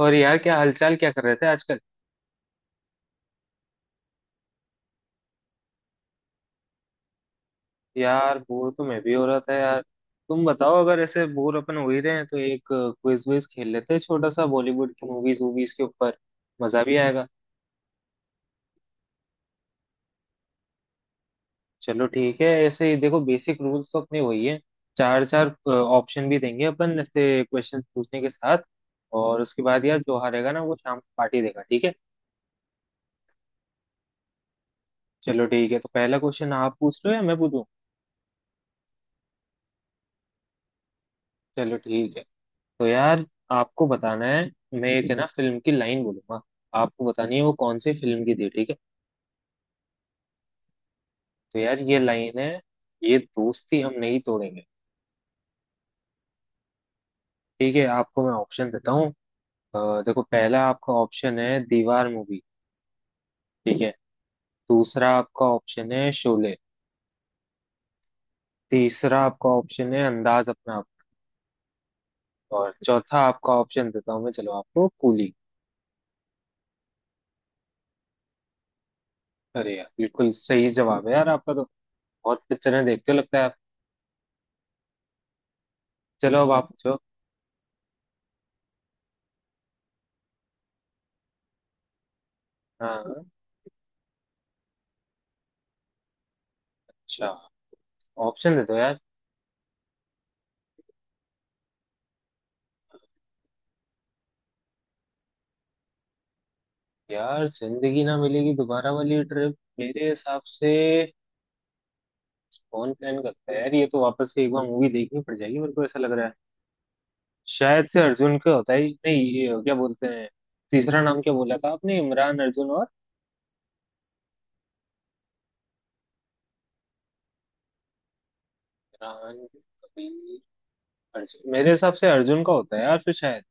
और यार क्या हालचाल, क्या कर रहे थे आजकल? यार बोर तो मैं भी हो रहा था यार। तुम बताओ, अगर ऐसे बोर अपन हो ही रहे हैं तो एक क्विज विज खेल लेते हैं छोटा सा, बॉलीवुड की मूवीज वूवीज के ऊपर। मजा भी आएगा। चलो ठीक है, ऐसे ही देखो बेसिक रूल्स तो अपने वही है। चार चार ऑप्शन भी देंगे अपन ऐसे क्वेश्चन पूछने के साथ। और उसके बाद यार जो हारेगा ना वो शाम को पार्टी देगा, ठीक है। चलो ठीक है, तो पहला क्वेश्चन आप पूछ रहे हो या मैं पूछूं? चलो ठीक है। तो यार आपको बताना है, मैं एक है ना फिल्म की लाइन बोलूंगा। आपको बतानी है वो कौन सी फिल्म की थी, ठीक है। तो यार ये लाइन है, ये दोस्ती हम नहीं तोड़ेंगे। ठीक है, आपको मैं ऑप्शन देता हूँ। अ, देखो पहला आपका ऑप्शन है दीवार मूवी। ठीक है। दूसरा आपका ऑप्शन है शोले। तीसरा आपका ऑप्शन है अंदाज अपना आप। और चौथा आपका ऑप्शन देता हूँ मैं, चलो, आपको कूली। अरे यार बिल्कुल सही जवाब है यार आपका तो। बहुत पिक्चरें देखते हो लगता है आप। चलो अब आप पूछो। हाँ। अच्छा, ऑप्शन दे दो यार। यार जिंदगी ना मिलेगी दोबारा वाली ट्रिप मेरे हिसाब से कौन प्लान करता है यार, ये तो वापस से एक बार मूवी देखनी पड़ जाएगी मेरे को ऐसा लग रहा है। शायद से अर्जुन का होता ही नहीं, ये क्या बोलते हैं। तीसरा नाम क्या बोला था आपने? इमरान, अर्जुन और इमरान कबीर? अर्जुन, मेरे हिसाब से अर्जुन का होता है यार फिर शायद।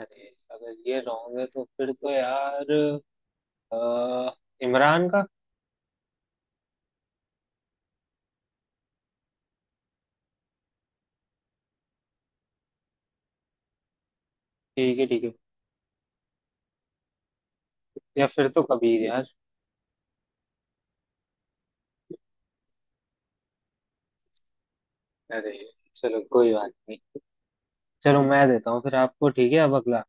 अरे अगर ये रॉन्ग है तो फिर तो यार अ, इमरान का। ठीक है ठीक है। या फिर तो कबीर यार। अरे चलो कोई बात नहीं, चलो मैं देता हूँ फिर आपको, ठीक है, अब अगला।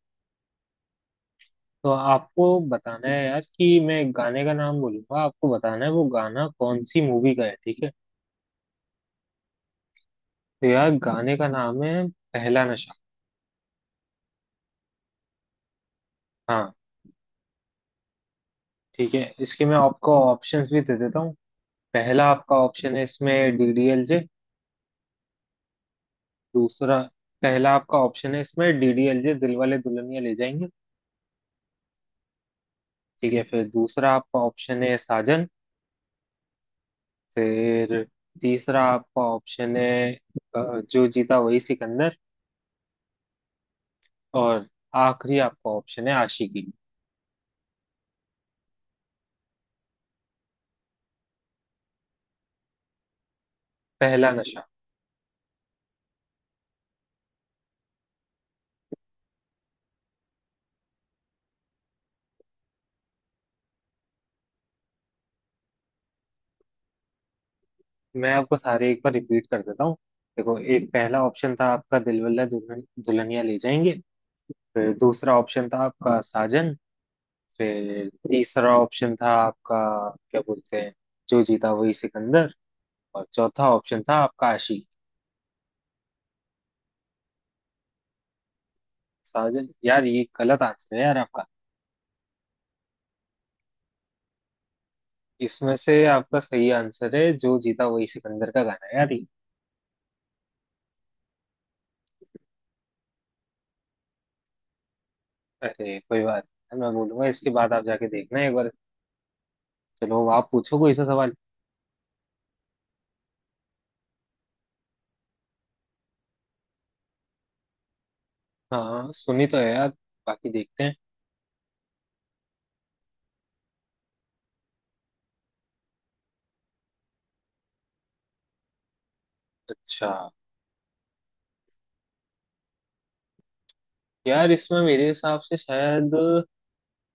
तो आपको बताना है यार कि मैं एक गाने का नाम बोलूंगा, आपको बताना है वो गाना कौन सी मूवी का है, ठीक है। तो यार गाने का नाम है पहला नशा। हाँ, ठीक है, इसके मैं आपको ऑप्शंस भी दे देता हूँ। पहला आपका ऑप्शन है इसमें डीडीएलजे। दूसरा, पहला आपका ऑप्शन है इसमें डीडीएलजे, दिल वाले दुल्हनिया ले जाएंगे। ठीक है, फिर दूसरा आपका ऑप्शन है साजन। फिर तीसरा आपका ऑप्शन है जो जीता वही सिकंदर। और आखिरी आपका ऑप्शन है आशिकी। पहला नशा। मैं आपको सारे एक बार रिपीट कर देता हूँ। देखो एक पहला ऑप्शन था आपका दिलवाले दुल्हनिया ले जाएंगे। फिर दूसरा ऑप्शन था आपका साजन। फिर तीसरा ऑप्शन था आपका, क्या बोलते हैं, जो जीता वही सिकंदर। और चौथा ऑप्शन था आपका आशिक। साजन? यार ये गलत आंसर है यार आपका। इसमें से आपका सही आंसर है जो जीता वही सिकंदर का गाना है यार ये। अरे कोई बात नहीं, मैं बोलूंगा इसके बाद आप जाके देखना एक बार। चलो आप पूछो कोई सा सवाल। हाँ, सुनी तो है यार, बाकी देखते हैं। अच्छा, यार इसमें मेरे हिसाब से शायद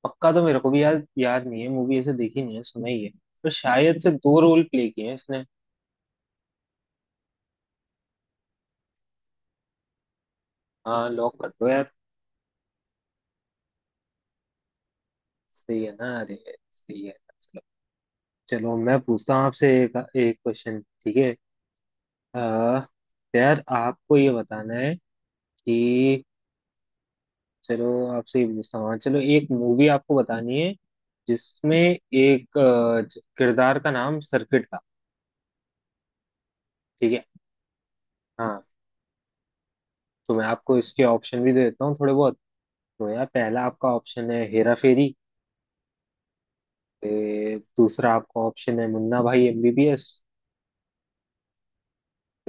पक्का तो मेरे को भी याद याद नहीं है, मूवी ऐसे देखी नहीं है, सुना ही है। पर शायद से दो रोल प्ले किए हैं इसने। हाँ लॉक कर दो यार। सही है ना? अरे सही है। चलो, चलो मैं पूछता हूँ आपसे एक एक क्वेश्चन, ठीक है। अह, यार आपको ये बताना है कि चलो आपसे ये पूछता हूँ। हाँ, चलो एक मूवी आपको बतानी है जिसमें एक किरदार का नाम सर्किट था, ठीक है। हाँ, तो मैं आपको इसके ऑप्शन भी दे देता हूँ थोड़े बहुत। तो यार पहला आपका ऑप्शन है हेरा फेरी। दूसरा आपका ऑप्शन है मुन्ना भाई एमबीबीएस।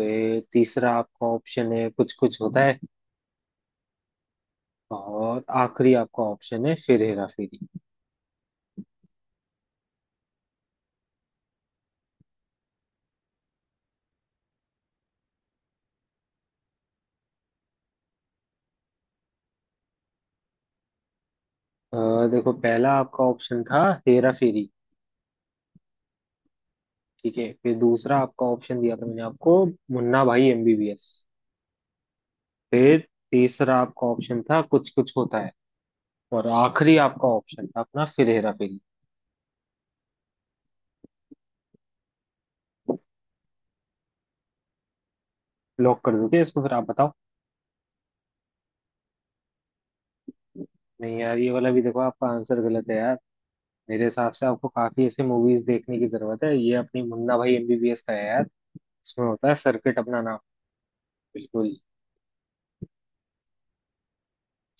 तीसरा आपका ऑप्शन है कुछ कुछ होता है। और आखिरी आपका ऑप्शन है फिर हेरा फेरी। अ, देखो पहला आपका ऑप्शन था हेरा फेरी। ठीक है, फिर दूसरा आपका ऑप्शन दिया था मैंने आपको मुन्ना भाई एमबीबीएस। फिर तीसरा आपका ऑप्शन था कुछ कुछ होता है। और आखिरी आपका ऑप्शन था अपना फिर हेरा फेरी। लॉक कर दोगे इसको? फिर आप बताओ। नहीं यार, ये वाला भी देखो आपका आंसर गलत है यार। मेरे हिसाब से आपको काफी ऐसी मूवीज देखने की जरूरत है, ये अपनी मुन्ना भाई एमबीबीएस का है यार। इसमें होता है सर्किट अपना नाम। बिल्कुल।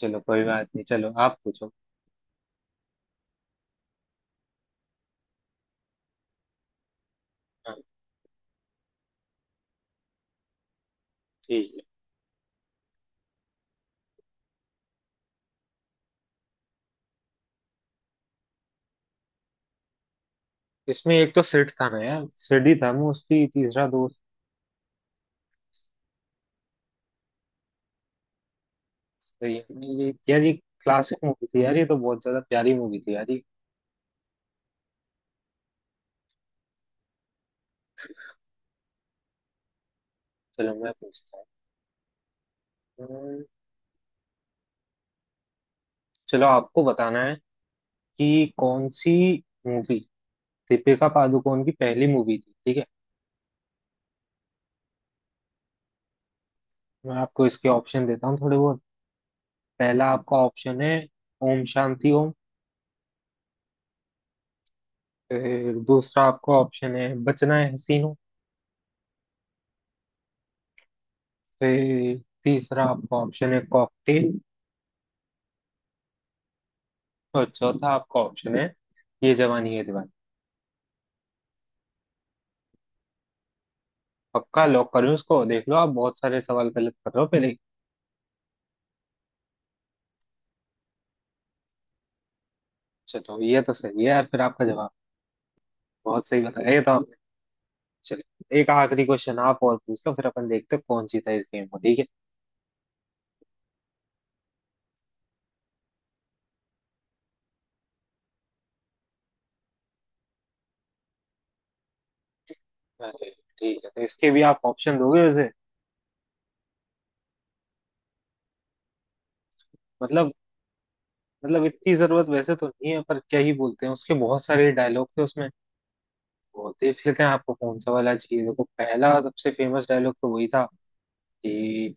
चलो कोई बात नहीं, चलो आप पूछो। हाँ, ठीक है। इसमें एक तो सेठ था ना यार, सेठ ही था, मैं उसकी तीसरा दोस्त। सही है ये यार, ये क्लासिक मूवी थी यार, ये तो बहुत ज्यादा प्यारी मूवी थी यार ये। चलो मैं पूछता हूँ। हम्म, चलो आपको बताना है कि कौन सी मूवी दीपिका पादुकोण की पहली मूवी थी, ठीक है। मैं आपको इसके ऑप्शन देता हूँ थोड़े बहुत। पहला आपका ऑप्शन है ओम शांति ओम। फिर दूसरा आपका ऑप्शन है बचना है हसीनों। फिर तीसरा आपका ऑप्शन है कॉकटेल। और चौथा आपका ऑप्शन है ये जवानी है दीवानी। पक्का लॉक करूँ इसको? देख लो, आप बहुत सारे सवाल गलत कर रहे हो पहले ही। चलो ये तो सही है यार, फिर आपका जवाब बहुत सही बताया ये तो आपने। चलो एक आखिरी क्वेश्चन आप और पूछ लो, फिर अपन देखते हैं कौन जीता इस गेम को, ठीक है। अरे ठीक है, तो इसके भी आप ऑप्शन दोगे वैसे? मतलब मतलब इतनी जरूरत वैसे तो नहीं है, पर क्या ही बोलते हैं, उसके बहुत सारे डायलॉग थे उसमें, बहुत ही अच्छे थे। आपको कौन सा वाला चाहिए? देखो, पहला सबसे फेमस डायलॉग तो वही था कि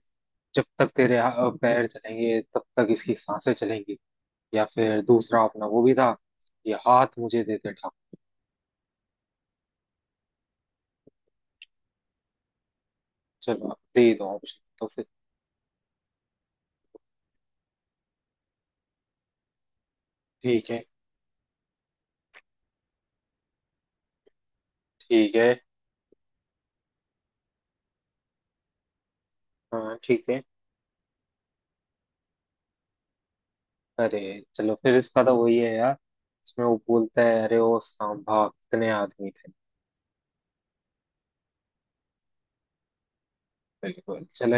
जब तक तेरे पैर चलेंगे तब तक इसकी सांसें चलेंगी। या फिर दूसरा अपना वो भी था, ये हाथ मुझे दे दे ठाकुर। चलो आप दे दो ऑप्शन तो फिर। ठीक है ठीक है। हाँ ठीक है। अरे चलो, फिर इसका तो वही है यार, इसमें वो बोलता है अरे ओ सांभा, कितने आदमी थे। बिल्कुल चलो।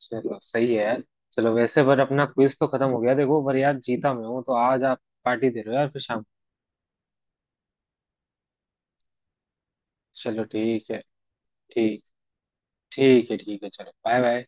चलो सही है यार। चलो, वैसे पर अपना क्विज तो खत्म हो गया देखो, पर यार जीता मैं हूँ तो आज आप पार्टी दे रहे हो यार फिर शाम को। चलो ठीक है। ठीक, ठीक है ठीक है, चलो बाय बाय।